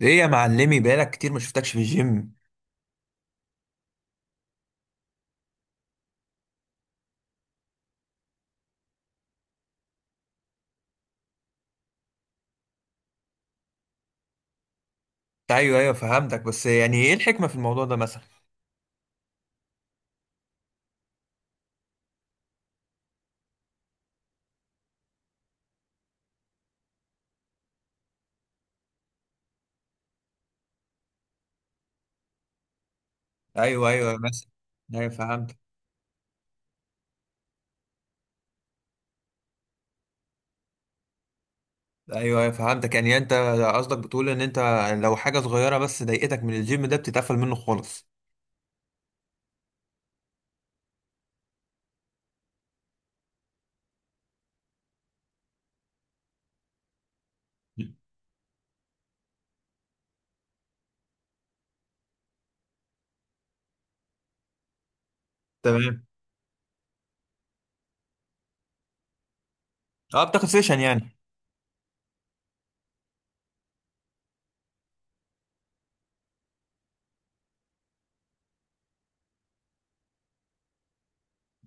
ايه يا معلمي؟ بقالك كتير ما شفتكش في الجيم. ايوه ايوه فهمتك، بس يعني ايه الحكمة في الموضوع ده مثلا؟ ايوه ايوه مثلا. ايوه فهمتك. ايوه ايوه فهمتك، يعني انت قصدك بتقول ان انت لو حاجة صغيرة بس ضايقتك من الجيم ده بتتقفل منه خالص؟ تمام. اه بتاخد سيشن يعني؟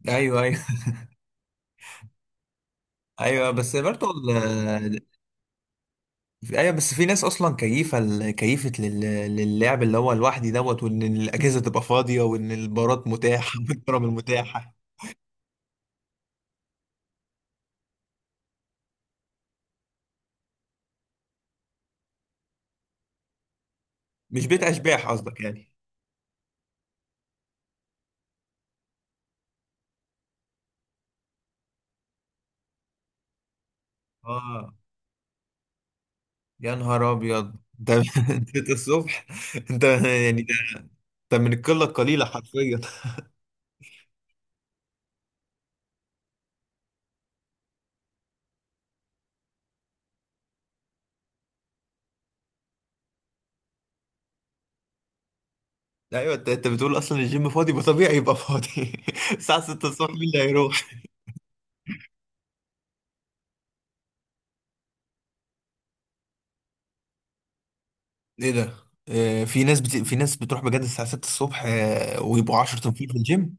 ايوه ايوه. ايوه بس برضه ايوه بس في ناس اصلا كيفه كيفه للعب اللي هو لوحدي دوت، وان الاجهزه تبقى فاضيه، وان البارات متاحه والضرب المتاحه. مش بيت اشباح قصدك يعني؟ اه. يا نهار ابيض انت! انت الصبح؟ انت يعني ده، انت من القله القليله حرفيا. ايوه، انت بتقول اصلا الجيم فاضي يبقى طبيعي يبقى فاضي. الساعه 6 الصبح مين اللي هيروح؟ ايه ده؟ في ناس في ناس بتروح بجد الساعه 6 الصبح، ويبقوا 10 تنفيذ في الجيم.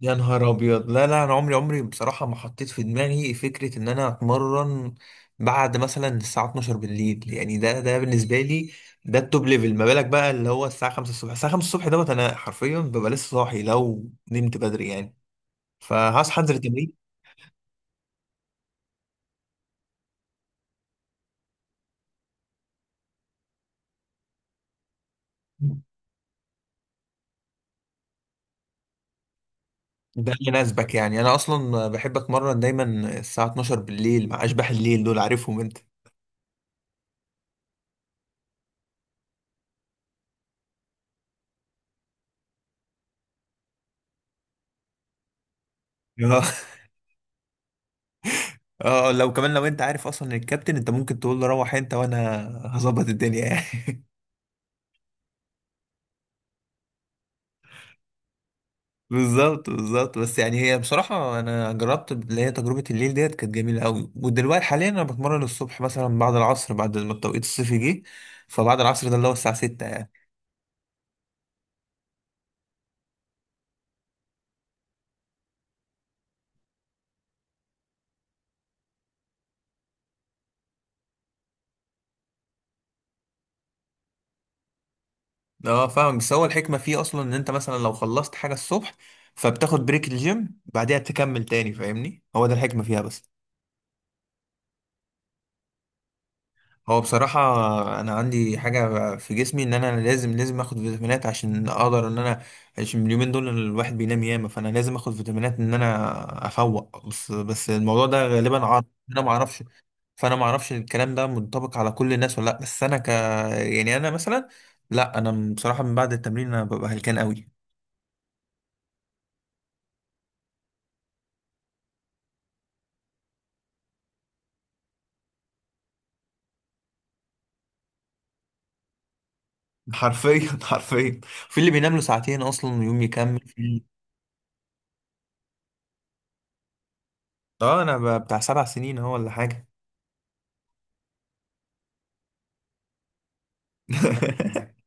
يا نهار ابيض! لا لا، انا عمري عمري بصراحه ما حطيت في دماغي فكره ان انا اتمرن بعد مثلا الساعه 12 بالليل، يعني ده بالنسبه لي ده التوب ليفل. ما بالك بقى اللي هو الساعه 5 الصبح؟ الساعه 5 الصبح دوت انا حرفيا ببقى لسه صاحي لو نمت بدري يعني، فهصحى انزل التمرين. ده يناسبك يعني. انا اصلا بحب اتمرن دايما الساعه 12 بالليل مع اشباح الليل دول، عارفهم انت. اه. لو كمان لو انت عارف اصلا الكابتن انت ممكن تقول له روح انت وانا هظبط الدنيا يعني. بالظبط بالظبط. بس يعني هي بصراحة أنا جربت اللي هي تجربة الليل ديت كانت جميلة أوي، ودلوقتي حاليا أنا بتمرن الصبح مثلا بعد العصر، بعد ما التوقيت الصيفي جه. فبعد العصر ده اللي هو الساعة 6 يعني. أه فاهم، بس هو الحكمة فيه أصلا إن أنت مثلا لو خلصت حاجة الصبح فبتاخد بريك الجيم بعدها تكمل تاني، فاهمني؟ هو ده الحكمة فيها بس. هو بصراحة أنا عندي حاجة في جسمي إن أنا لازم لازم آخد فيتامينات عشان أقدر إن أنا، عشان اليومين دول الواحد بينام ياما، فأنا لازم آخد فيتامينات إن أنا أفوق. بس بس الموضوع ده غالبا عارف. أنا معرفش، فأنا معرفش الكلام ده منطبق على كل الناس ولا لأ. بس أنا ك، يعني أنا مثلا، لأ أنا بصراحة من بعد التمرين أنا ببقى هلكان قوي. حرفيا حرفيا، في اللي بينام له ساعتين أصلا يوم يكمل، في أه أنا بتاع 7 سنين أهو ولا حاجة.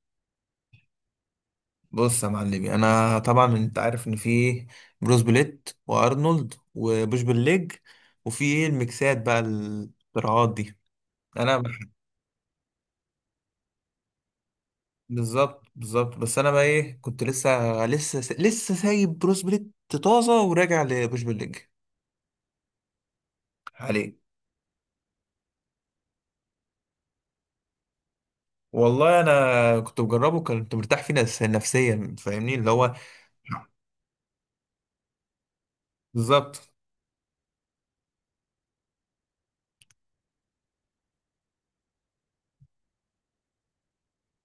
بص يا معلمي، انا طبعا انت عارف ان في بروس بليت، وارنولد، وبوش بالليج، وفي ايه الميكسات بقى الاختراعات دي. انا بح- بالظبط بالظبط، بس انا بقى ايه، كنت لسه سايب بروس بليت طازه وراجع لبوش بالليج عليه. والله انا كنت بجربه، كنت مرتاح فيه نفسيا فاهمني اللي هو. بالظبط.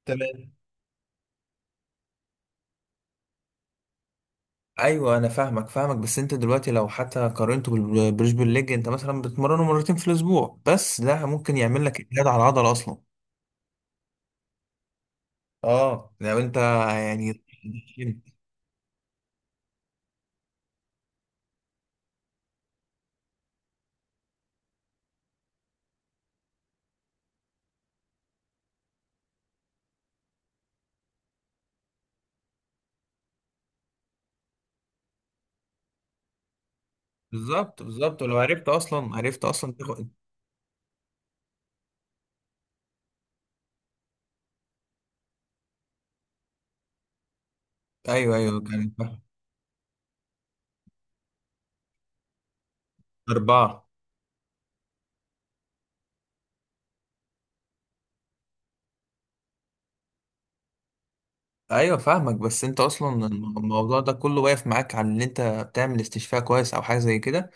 تمام. ايوه انا فاهمك فاهمك، بس انت دلوقتي لو حتى قارنته بالبريشبل ليج انت مثلا بتمرنه مرتين في الاسبوع بس، ده ممكن يعمل لك اجهاد على العضله اصلا. اه لو انت يعني. بالظبط بالظبط، ولو عرفت اصلا عرفت اصلا تاخد. ايوه ايوه كان فاهم. اربعه. ايوه فاهمك، بس انت اصلا الموضوع ده كله واقف معاك على ان انت بتعمل استشفاء كويس او حاجه زي كده.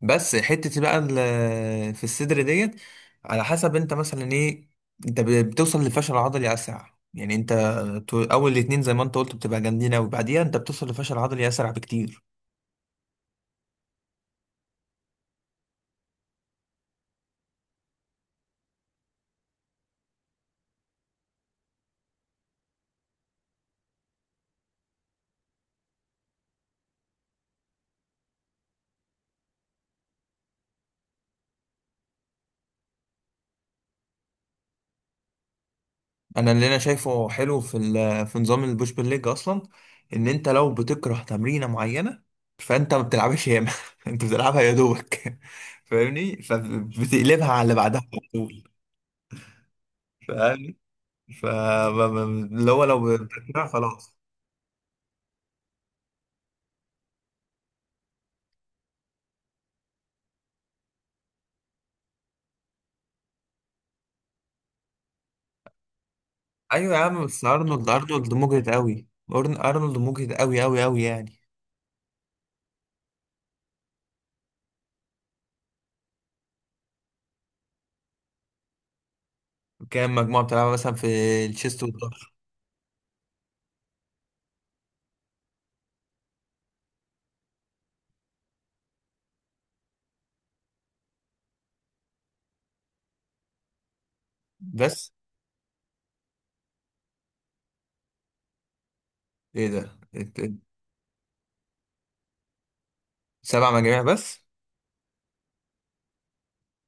بس حتة بقى في الصدر ديت على حسب انت مثلا ايه، انت بتوصل للفشل العضلي اسرع، يعني انت اول الاتنين زي ما انت قلت بتبقى جامدين اوي، بعديها انت بتوصل لفشل عضلي اسرع بكتير. انا اللي انا شايفه حلو في في نظام البوش بول ليج اصلا، ان انت لو بتكره تمرينة معينة فانت ما بتلعبش ياما، انت بتلعبها يا دوبك، فاهمني؟ فبتقلبها على اللي بعدها على طول، فاهمني؟ فاللي هو لو بتكره خلاص. ايوه يا عم، بس ارنولد، ارنولد مجهد قوي. ارنولد مجهد قوي قوي قوي يعني. كام مجموعه بتلعبها مثلا في الشيست والظهر؟ بس ايه ده؟ 7 مجاميع بس؟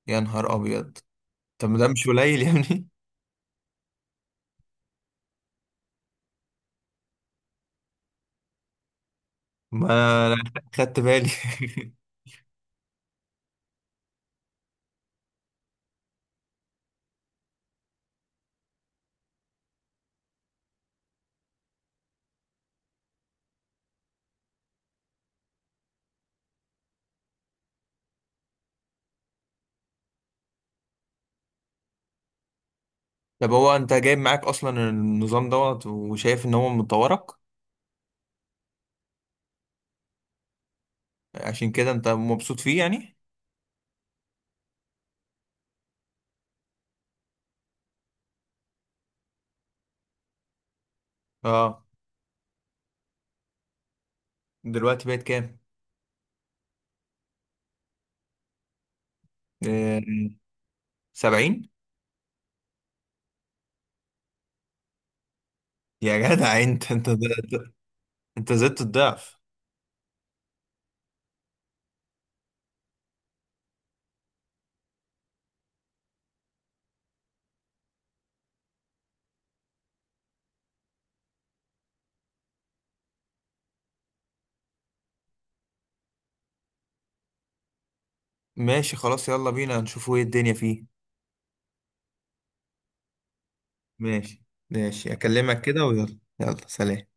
يا نهار ابيض! طب ما ده مش قليل يا ابني؟ ما أنا خدت بالي. طب هو انت جايب معاك اصلا النظام دوت وشايف ان هو مطورك؟ عشان كده انت مبسوط فيه يعني. اه. دلوقتي بقت كام؟ آه، 70؟ يا جدع انت! انت زدت الضعف! ماشي خلاص، يلا بينا نشوف ايه الدنيا فيه. ماشي. ماشي اكلمك كده، ويلا يلا سلام.